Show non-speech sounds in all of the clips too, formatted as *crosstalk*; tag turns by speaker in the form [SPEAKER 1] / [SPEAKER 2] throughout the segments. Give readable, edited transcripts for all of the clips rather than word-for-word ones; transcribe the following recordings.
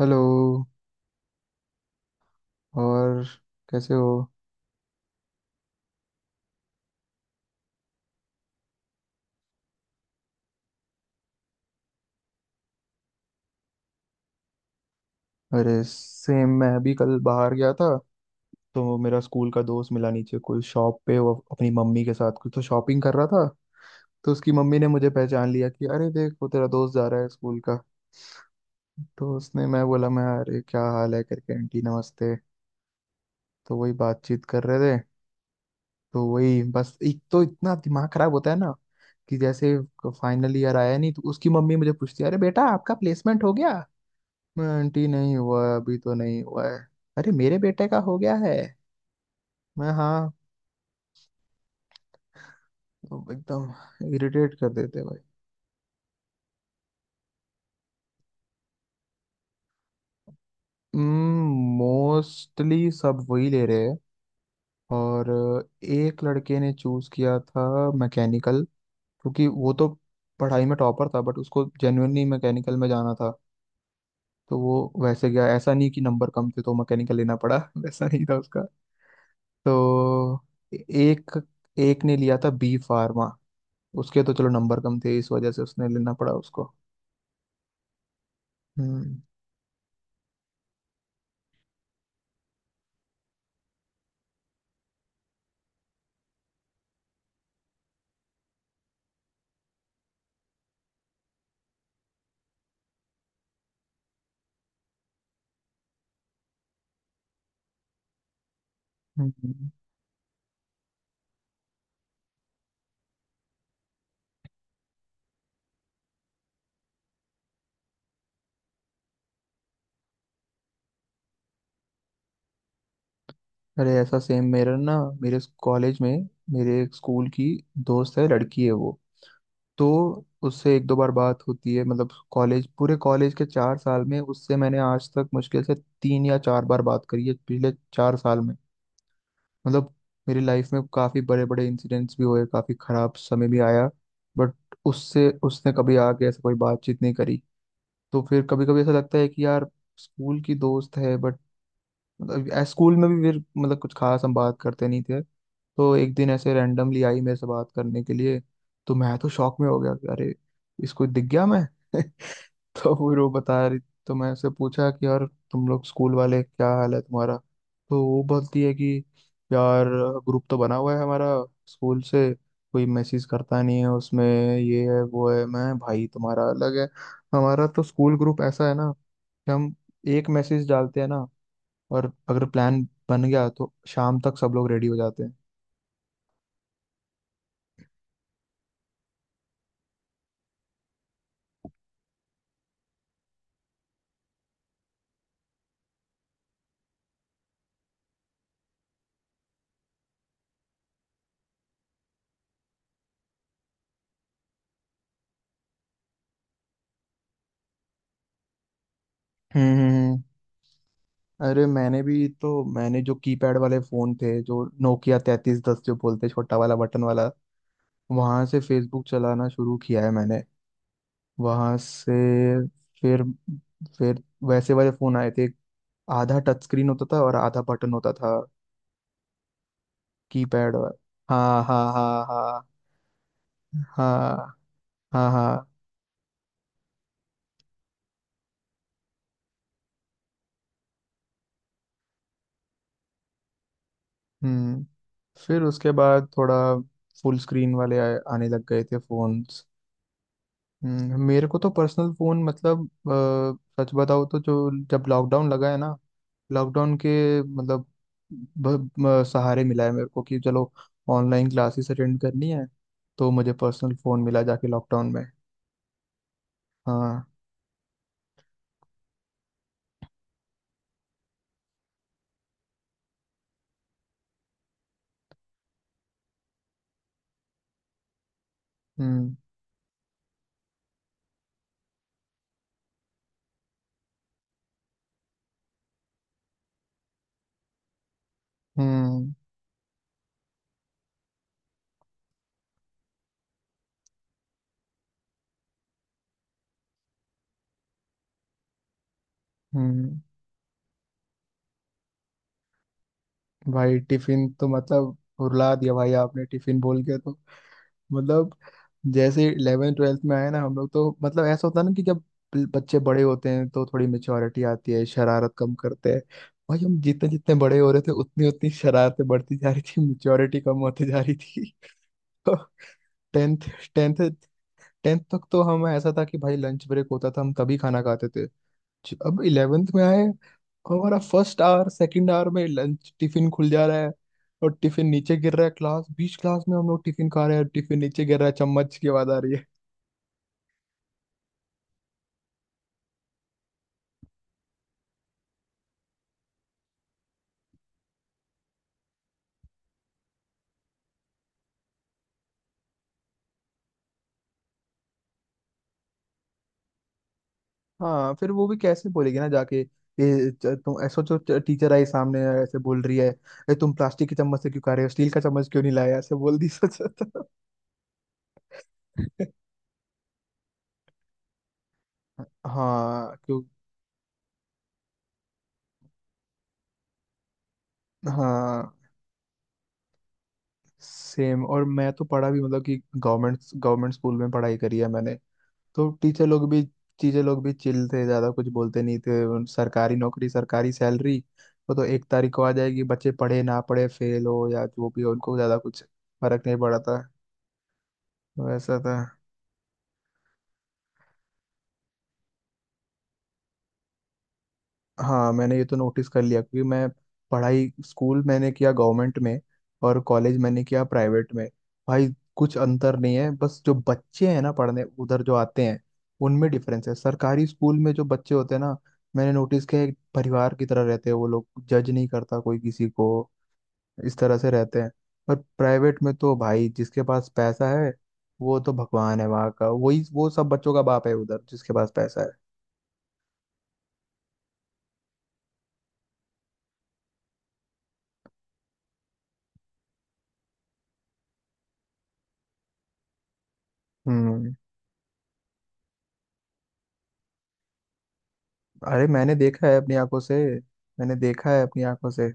[SPEAKER 1] Hello. और कैसे हो? अरे सेम, मैं भी कल बाहर गया था तो मेरा स्कूल का दोस्त मिला नीचे कोई शॉप पे। वो अपनी मम्मी के साथ कुछ तो शॉपिंग कर रहा था तो उसकी मम्मी ने मुझे पहचान लिया कि अरे देख वो तेरा दोस्त जा रहा है स्कूल का। तो उसने मैं बोला मैं अरे क्या हाल है करके आंटी नमस्ते। तो वही बातचीत कर रहे थे। तो वही बस एक तो इतना दिमाग खराब होता है ना कि जैसे फाइनल ईयर आया नहीं तो उसकी मम्मी मुझे पूछती है अरे बेटा आपका प्लेसमेंट हो गया? मैं, आंटी नहीं हुआ है, अभी तो नहीं हुआ है। अरे मेरे बेटे का हो गया है। मैं, हाँ। अब एकदम इरिटेट कर देते हैं भाई। मोस्टली सब वही ले रहे हैं। और एक लड़के ने चूज किया था मैकेनिकल, क्योंकि वो तो पढ़ाई में टॉपर था बट उसको जेन्युइनली मैकेनिकल में जाना था। तो वो वैसे गया, ऐसा नहीं कि नंबर कम थे तो मैकेनिकल लेना पड़ा *laughs* वैसा नहीं था उसका। तो एक एक ने लिया था बी फार्मा। उसके तो चलो नंबर कम थे इस वजह से उसने लेना पड़ा उसको। हम्म। हम्म। अरे ऐसा सेम मेरा ना, मेरे कॉलेज में मेरे एक स्कूल की दोस्त है, लड़की है वो। तो उससे एक दो बार बात होती है, मतलब कॉलेज पूरे कॉलेज के 4 साल में उससे मैंने आज तक मुश्किल से 3 या 4 बार बात करी है पिछले 4 साल में। मतलब मेरी लाइफ में काफ़ी बड़े बड़े इंसिडेंट्स भी हुए, काफ़ी खराब समय भी आया, बट उससे उसने कभी आके ऐसा कोई बातचीत नहीं करी। तो फिर कभी कभी ऐसा लगता है कि यार स्कूल की दोस्त है बट, मतलब स्कूल में भी फिर मतलब कुछ खास हम बात करते नहीं थे। तो एक दिन ऐसे रैंडमली आई मेरे से बात करने के लिए। तो मैं तो शॉक में हो गया कि अरे इसको दिख गया मैं *laughs* तो फिर वो बता रही। तो मैं उससे पूछा कि यार तुम लोग स्कूल वाले क्या हाल है तुम्हारा। तो वो बोलती है कि यार ग्रुप तो बना हुआ है हमारा स्कूल से, कोई मैसेज करता नहीं है उसमें। ये है वो है। मैं, भाई तुम्हारा अलग है। हमारा तो स्कूल ग्रुप ऐसा है ना कि हम एक मैसेज डालते हैं ना और अगर प्लान बन गया तो शाम तक सब लोग रेडी हो जाते हैं। हम्म हम्म, हम्म। अरे मैंने भी, तो मैंने जो कीपैड वाले फोन थे, जो नोकिया 3310 जो बोलते हैं, छोटा वाला बटन वाला, वहां से फेसबुक चलाना शुरू किया है मैंने, वहां से। फिर फिर वैसे वाले फोन आए थे, आधा टच स्क्रीन होता था और आधा बटन होता था। कीपैड। हाँ हाँ हाँ हाँ। हाँ हाँ हाँ। हम्म। फिर उसके बाद थोड़ा फुल स्क्रीन वाले आए, आने लग गए थे फोन्स। मेरे को तो पर्सनल फोन मतलब, सच बताओ तो जो, जब लॉकडाउन लगा है ना, लॉकडाउन के मतलब सहारे मिला है मेरे को कि चलो ऑनलाइन क्लासेस अटेंड करनी है तो मुझे पर्सनल फोन मिला जाके लॉकडाउन में। हाँ। हम्म हम्म हम्म। भाई टिफिन तो मतलब रुला दिया भाई आपने टिफिन बोल के तो। मतलब जैसे 11th 12th में आए ना हम लोग तो मतलब ऐसा होता है ना कि जब बच्चे बड़े होते हैं तो थोड़ी मेच्योरिटी आती है, शरारत कम करते हैं। भाई हम जितने जितने बड़े हो रहे थे उतनी उतनी शरारतें बढ़ती जा रही थी, मेच्योरिटी कम होती जा रही थी। *laughs* तो टेंथ टेंथ टेंथ तक तो हम, ऐसा था कि भाई लंच ब्रेक होता था हम तभी खाना खाते थे। अब 11th में आए और हमारा फर्स्ट आवर सेकंड आवर में लंच टिफिन खुल जा रहा है और टिफिन नीचे गिर रहा है, क्लास बीच क्लास में हम लोग टिफिन खा रहे हैं, टिफिन नीचे गिर रहा है, चम्मच की आवाज आ रही है। हाँ, फिर वो भी कैसे बोलेगी ना जाके, ये तुम ऐसा जो, टीचर आई सामने ऐसे बोल रही है, "ए, तुम प्लास्टिक के चम्मच से क्यों खा रहे हो, स्टील का चम्मच क्यों नहीं लाया?" ऐसे बोल दी *laughs* सच। हाँ क्यों। हाँ सेम, और मैं तो पढ़ा भी मतलब, कि गवर्नमेंट गवर्नमेंट स्कूल में पढ़ाई करी है मैंने। तो टीचर लोग भी, चिल थे, ज्यादा कुछ बोलते नहीं थे। सरकारी नौकरी सरकारी सैलरी वो तो 1 तारीख को आ जाएगी, बच्चे पढ़े ना पढ़े, फेल हो या जो भी हो, उनको ज्यादा कुछ फर्क नहीं पड़ा था, वैसा था। हाँ, मैंने ये तो नोटिस कर लिया क्योंकि मैं पढ़ाई स्कूल मैंने किया गवर्नमेंट में और कॉलेज मैंने किया प्राइवेट में। भाई कुछ अंतर नहीं है, बस जो बच्चे हैं ना पढ़ने उधर जो आते हैं उनमें डिफरेंस है। सरकारी स्कूल में जो बच्चे होते हैं ना, मैंने नोटिस किया है, एक परिवार की तरह रहते हैं वो लोग, जज नहीं करता कोई किसी को, इस तरह से रहते हैं। पर प्राइवेट में तो भाई जिसके पास पैसा है वो तो भगवान है वहाँ का, वही वो सब बच्चों का बाप है उधर जिसके पास पैसा है। हम्म। अरे मैंने देखा है अपनी आंखों से। मैंने देखा है अपनी आंखों से।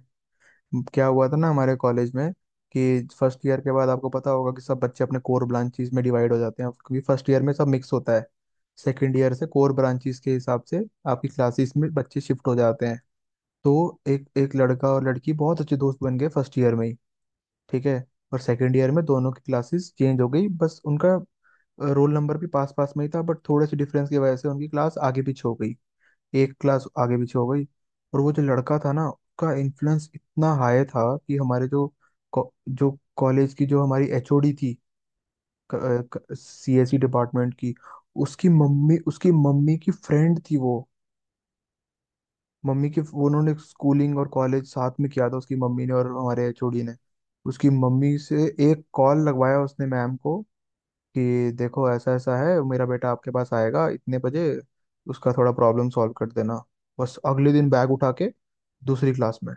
[SPEAKER 1] क्या हुआ था ना हमारे कॉलेज में कि फर्स्ट ईयर के बाद आपको पता होगा कि सब बच्चे अपने कोर ब्रांचेस में डिवाइड हो जाते हैं क्योंकि फर्स्ट ईयर में सब मिक्स होता है। सेकंड ईयर से कोर ब्रांचेस के हिसाब से आपकी क्लासेस में बच्चे शिफ्ट हो जाते हैं। तो एक एक लड़का और लड़की बहुत अच्छे दोस्त बन गए फर्स्ट ईयर में ही, ठीक है। और सेकंड ईयर में दोनों की क्लासेस चेंज हो गई। बस उनका रोल नंबर भी पास पास में ही था बट थोड़े से डिफरेंस की वजह से उनकी क्लास आगे पीछे हो गई, एक क्लास आगे पीछे हो गई। और वो जो लड़का था ना, उसका इन्फ्लुएंस इतना हाई था कि हमारे जो को- जो कॉलेज की जो हमारी एचओडी थी, सीएसई डिपार्टमेंट की, उसकी मम्मी की फ्रेंड थी वो मम्मी की। वो उन्होंने स्कूलिंग और कॉलेज साथ में किया था उसकी मम्मी ने और हमारे एचओडी ने। उसकी मम्मी से एक कॉल लगवाया उसने मैम को कि देखो ऐसा ऐसा है, मेरा बेटा आपके पास आएगा इतने बजे, उसका थोड़ा प्रॉब्लम सॉल्व कर देना। बस अगले दिन बैग उठा के दूसरी क्लास में।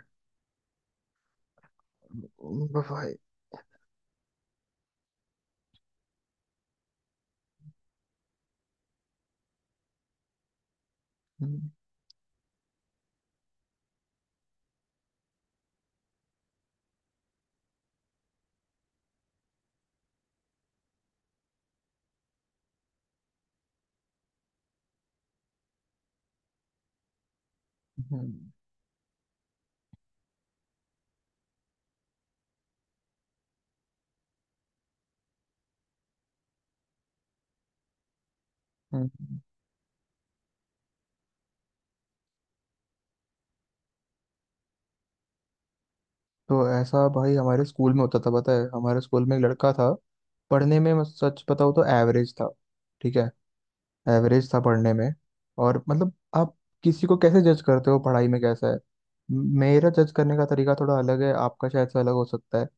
[SPEAKER 1] भाई। हम्म, हम्म, हम्म। तो ऐसा भाई हमारे स्कूल में होता था। पता है हमारे स्कूल में एक लड़का था, पढ़ने में मैं सच बताऊँ तो एवरेज था, ठीक है, एवरेज था पढ़ने में। और मतलब आप किसी को कैसे जज करते हो पढ़ाई में कैसा है, मेरा जज करने का तरीका थोड़ा अलग है, आपका शायद से अलग हो सकता है।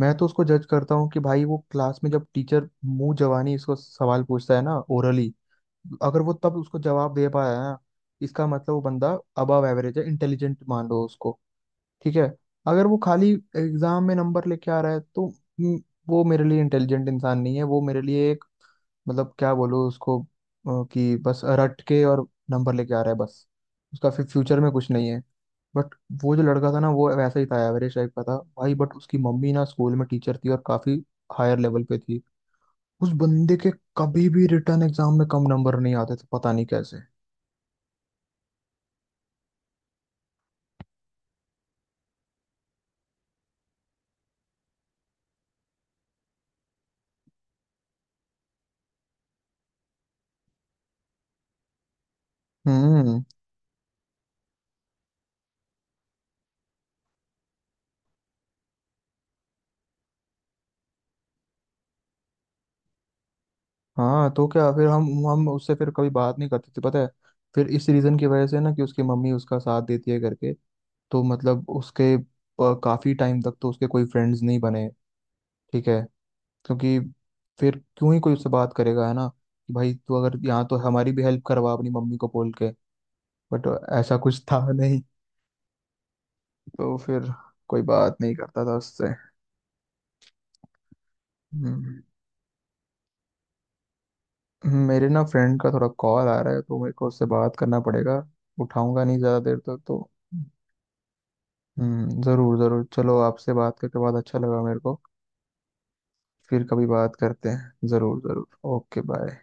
[SPEAKER 1] मैं तो उसको जज करता हूँ कि भाई वो क्लास में जब टीचर मुंह जवानी इसको सवाल पूछता है ना, ओरली, अगर वो तब उसको जवाब दे पाया है ना, इसका मतलब वो बंदा अबव एवरेज है, इंटेलिजेंट मान लो उसको, ठीक है। अगर वो खाली एग्जाम में नंबर लेके आ रहा है तो, वो मेरे लिए इंटेलिजेंट इंसान नहीं है, वो मेरे लिए, मतलब क्या बोलूँ उसको कि बस रट के और नंबर लेके आ रहा है बस। उसका फिर फ्यूचर में कुछ नहीं है। बट वो जो लड़का था ना वो वैसा ही था, एवरेज टाइप का था भाई, बट उसकी मम्मी ना स्कूल में टीचर थी और काफी हायर लेवल पे थी। उस बंदे के कभी भी रिटर्न एग्जाम में कम नंबर नहीं आते थे पता नहीं कैसे। हम्म। हाँ तो क्या, फिर हम उससे फिर कभी बात नहीं करते थे पता है, फिर इस रीजन की वजह से ना कि उसकी मम्मी उसका साथ देती है करके। तो मतलब उसके काफी टाइम तक तो उसके कोई फ्रेंड्स नहीं बने, ठीक है, क्योंकि फिर क्यों ही कोई उससे बात करेगा, है ना, कि भाई तू अगर यहाँ तो हमारी भी हेल्प करवा अपनी मम्मी को बोल के। बट ऐसा कुछ था नहीं। तो फिर कोई बात नहीं करता था उससे। हम्म। मेरे ना फ्रेंड का थोड़ा कॉल आ रहा है तो मेरे को उससे बात करना पड़ेगा, उठाऊंगा नहीं ज़्यादा देर तक तो। ज़रूर ज़रूर, चलो आपसे बात करके बहुत अच्छा लगा मेरे को। फिर कभी बात करते हैं, ज़रूर ज़रूर। Okay bye.